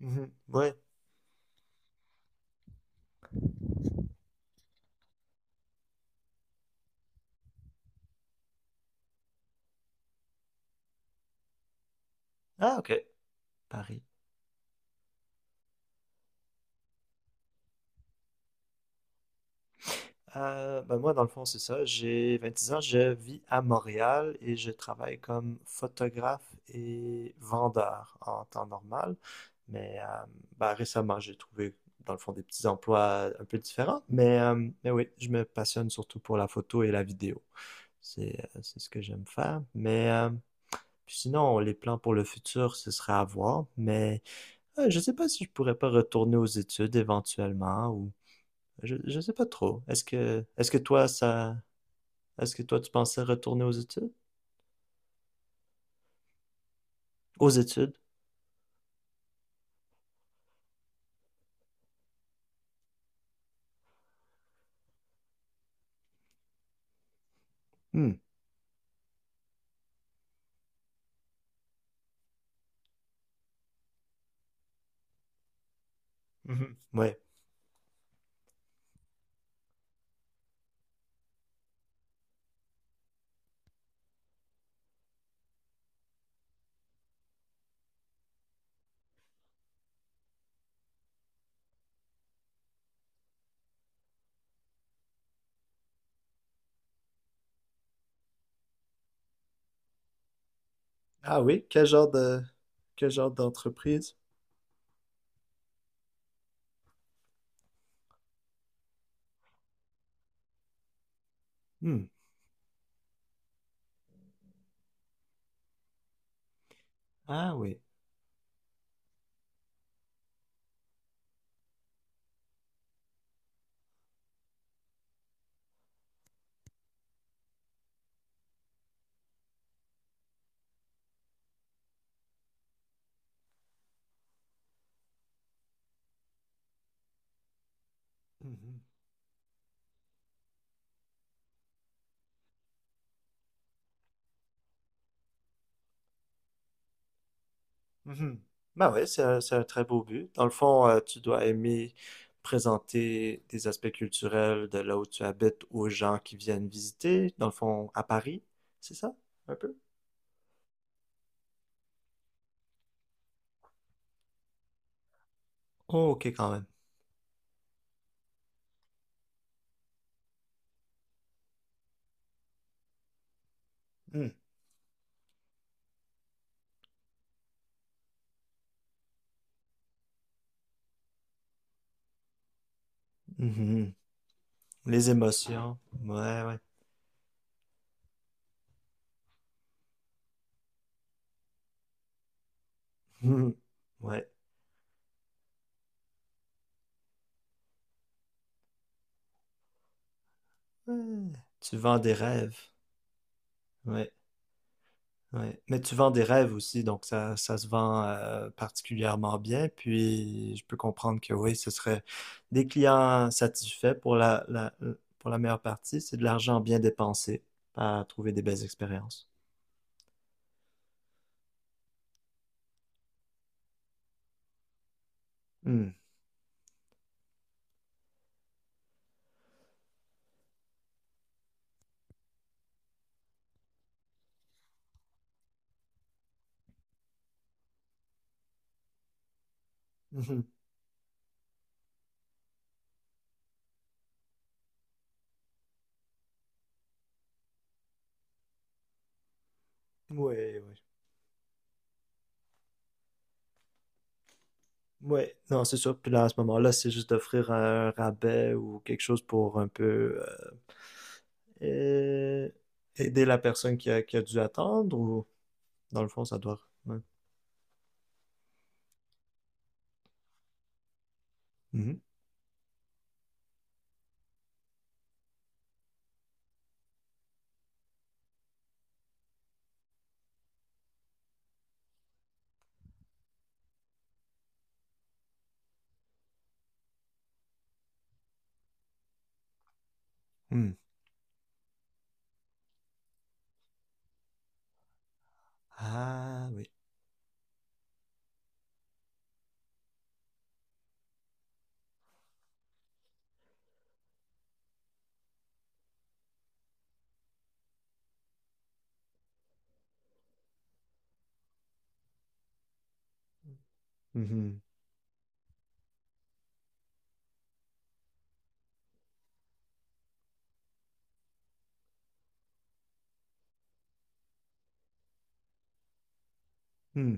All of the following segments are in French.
Mhm. Ouais. Ah, ok. Paris. Ben moi, dans le fond, c'est ça. J'ai 26 ans, je vis à Montréal et je travaille comme photographe et vendeur en temps normal. Mais ben, récemment, j'ai trouvé, dans le fond, des petits emplois un peu différents. Mais oui, je me passionne surtout pour la photo et la vidéo. C'est ce que j'aime faire. Mais puis sinon, les plans pour le futur, ce serait à voir. Mais je sais pas si je pourrais pas retourner aux études éventuellement. Je sais pas trop. Est-ce que toi, tu pensais retourner aux études? Aux études? Hmm. Mhm. Ouais. Ah oui, quel genre d'entreprise? Hmm. Ah oui. Mhm. Mhm. Bah oui, c'est un très beau but. Dans le fond, tu dois aimer présenter des aspects culturels de là où tu habites aux gens qui viennent visiter, dans le fond, à Paris, c'est ça? Un peu? Oh, ok, quand même. Hmm. Mhm. Les émotions. Ouais, ouais. Mhm. Ouais. Ouais. Tu vends des rêves. Ouais, ouais. Mais tu vends des rêves aussi, donc ça se vend particulièrement bien. Puis je peux comprendre que oui, ce serait des clients satisfaits pour la meilleure partie. C'est de l'argent bien dépensé à trouver des belles expériences. Hmm. Mhm. Ouais, ouais. Ouais, non, c'est sûr. Puis là, à ce moment-là, c'est juste d'offrir un rabais ou quelque chose pour un peu euh, euh, aider la personne qui a dû attendre ou... Dans le fond, ça doit. Ouais. Mhm. Hmm. Ah oui. Mhm. Hmm.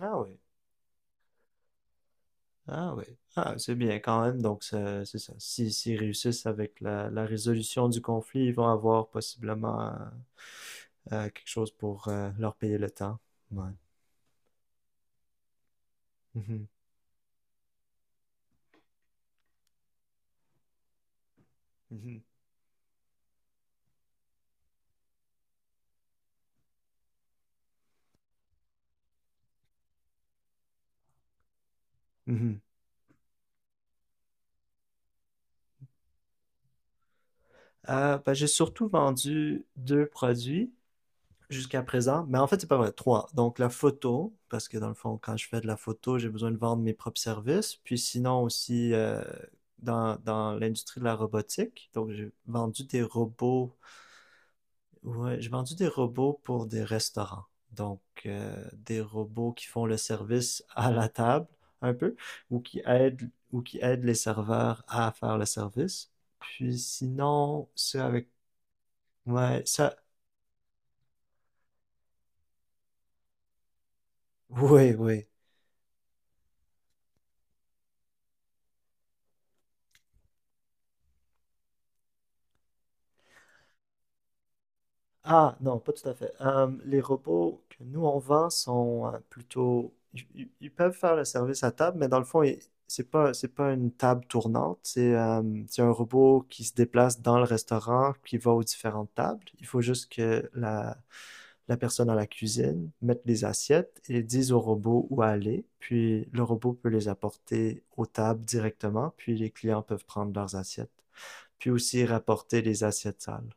Ah oui. Ah oui. Ah, c'est bien quand même. Donc, ça- c'est ça. Si, s'ils réussissent avec la résolution du conflit, ils vont avoir possiblement quelque chose pour leur payer le temps. Ouais. Mhm. Mhm. Mhm. Ben, j'ai surtout vendu deux produits jusqu'à présent, mais en fait, c'est pas vrai. Trois. Donc, la photo, parce que dans le fond, quand je fais de la photo, j'ai besoin de vendre mes propres services. Puis sinon aussi, dans l'industrie de la robotique, donc j'ai vendu des robots. Ouais, j'ai vendu des robots pour des restaurants. Donc, des robots qui font le service à la table, un peu, ou qui aident les serveurs à faire le service. Puis sinon, c'est avec... Ouais, ça... Oui, oui. Ah, non, pas tout à fait. Les robots que nous on vend sont plutôt. Ils peuvent faire le service à table, mais dans le fond, c'est pas une table tournante. C'est un robot qui se déplace dans le restaurant, qui va aux différentes tables. Il faut juste que la personne à la cuisine mette les assiettes et dise au robot où aller. Puis le robot peut les apporter aux tables directement, puis les clients peuvent prendre leurs assiettes. Puis aussi rapporter les assiettes sales.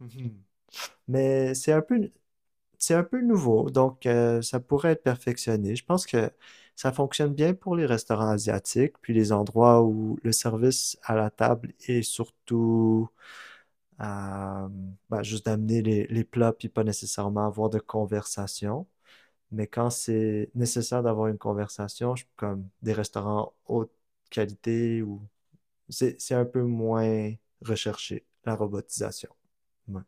Mhm. Mais c'est un peu nouveau, donc ça pourrait être perfectionné. Je pense que ça fonctionne bien pour les restaurants asiatiques, puis les endroits où le service à la table est surtout euh, bah, juste d'amener les plats, puis pas nécessairement avoir de conversation. Mais quand c'est nécessaire d'avoir une conversation, je- comme des restaurants haute qualité, ou c'est un peu moins recherché, la robotisation. Ouais.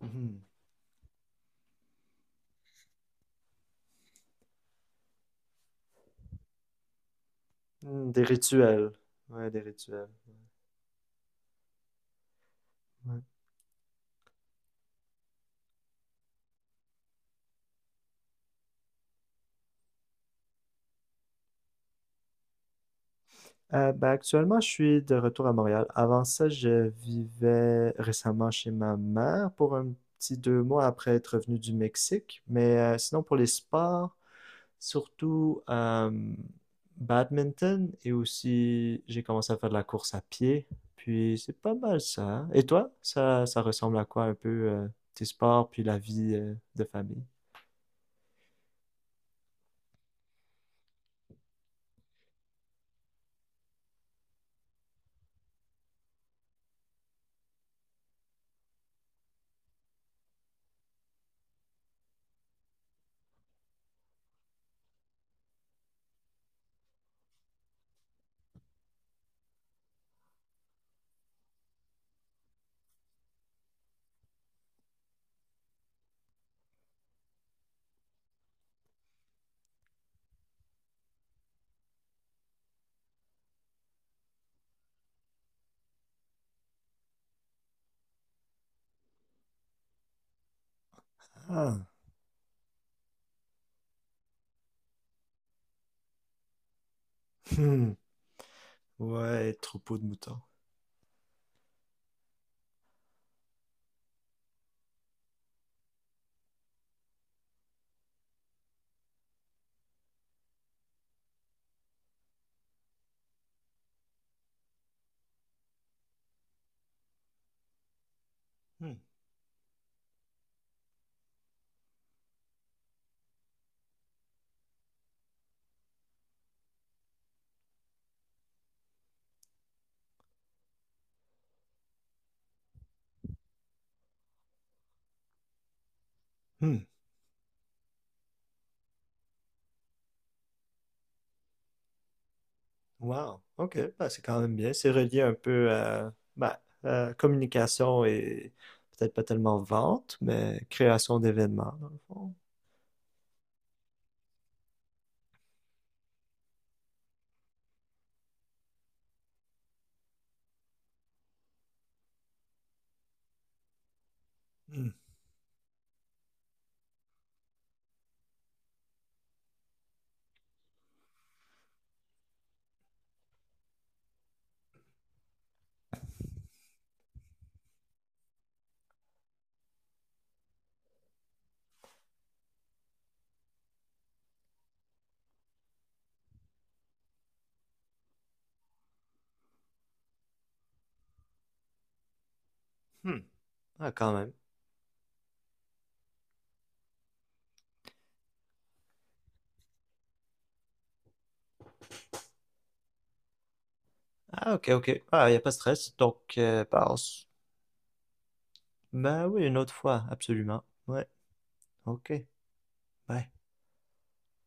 Mhm. Hmm. Des rituels. Ouais, des rituels. Ouais. Ben, actuellement, je suis de retour à Montréal. Avant ça, je vivais récemment chez ma mère pour un petit 2 mois après être revenu du Mexique. Mais sinon, pour les sports, surtout badminton et aussi j'ai commencé à faire de la course à pied. Puis c'est pas mal ça, hein. Et toi, ça ressemble à quoi un peu tes sports puis la vie de famille? Ah, hmm. Ouais, troupeau de moutons. Hmm. Hmm. Wow, ok, bah, c'est quand même bien. C'est relié un peu à bah, communication et peut-être pas tellement vente, mais création d'événements, dans le fond. Hmm. Hmm. Ah, quand même. Ah, ok, ok. Ah, il n'y a pas de stress. Donc, bah, bah oui, une autre fois, absolument. Ouais, ok. Bye.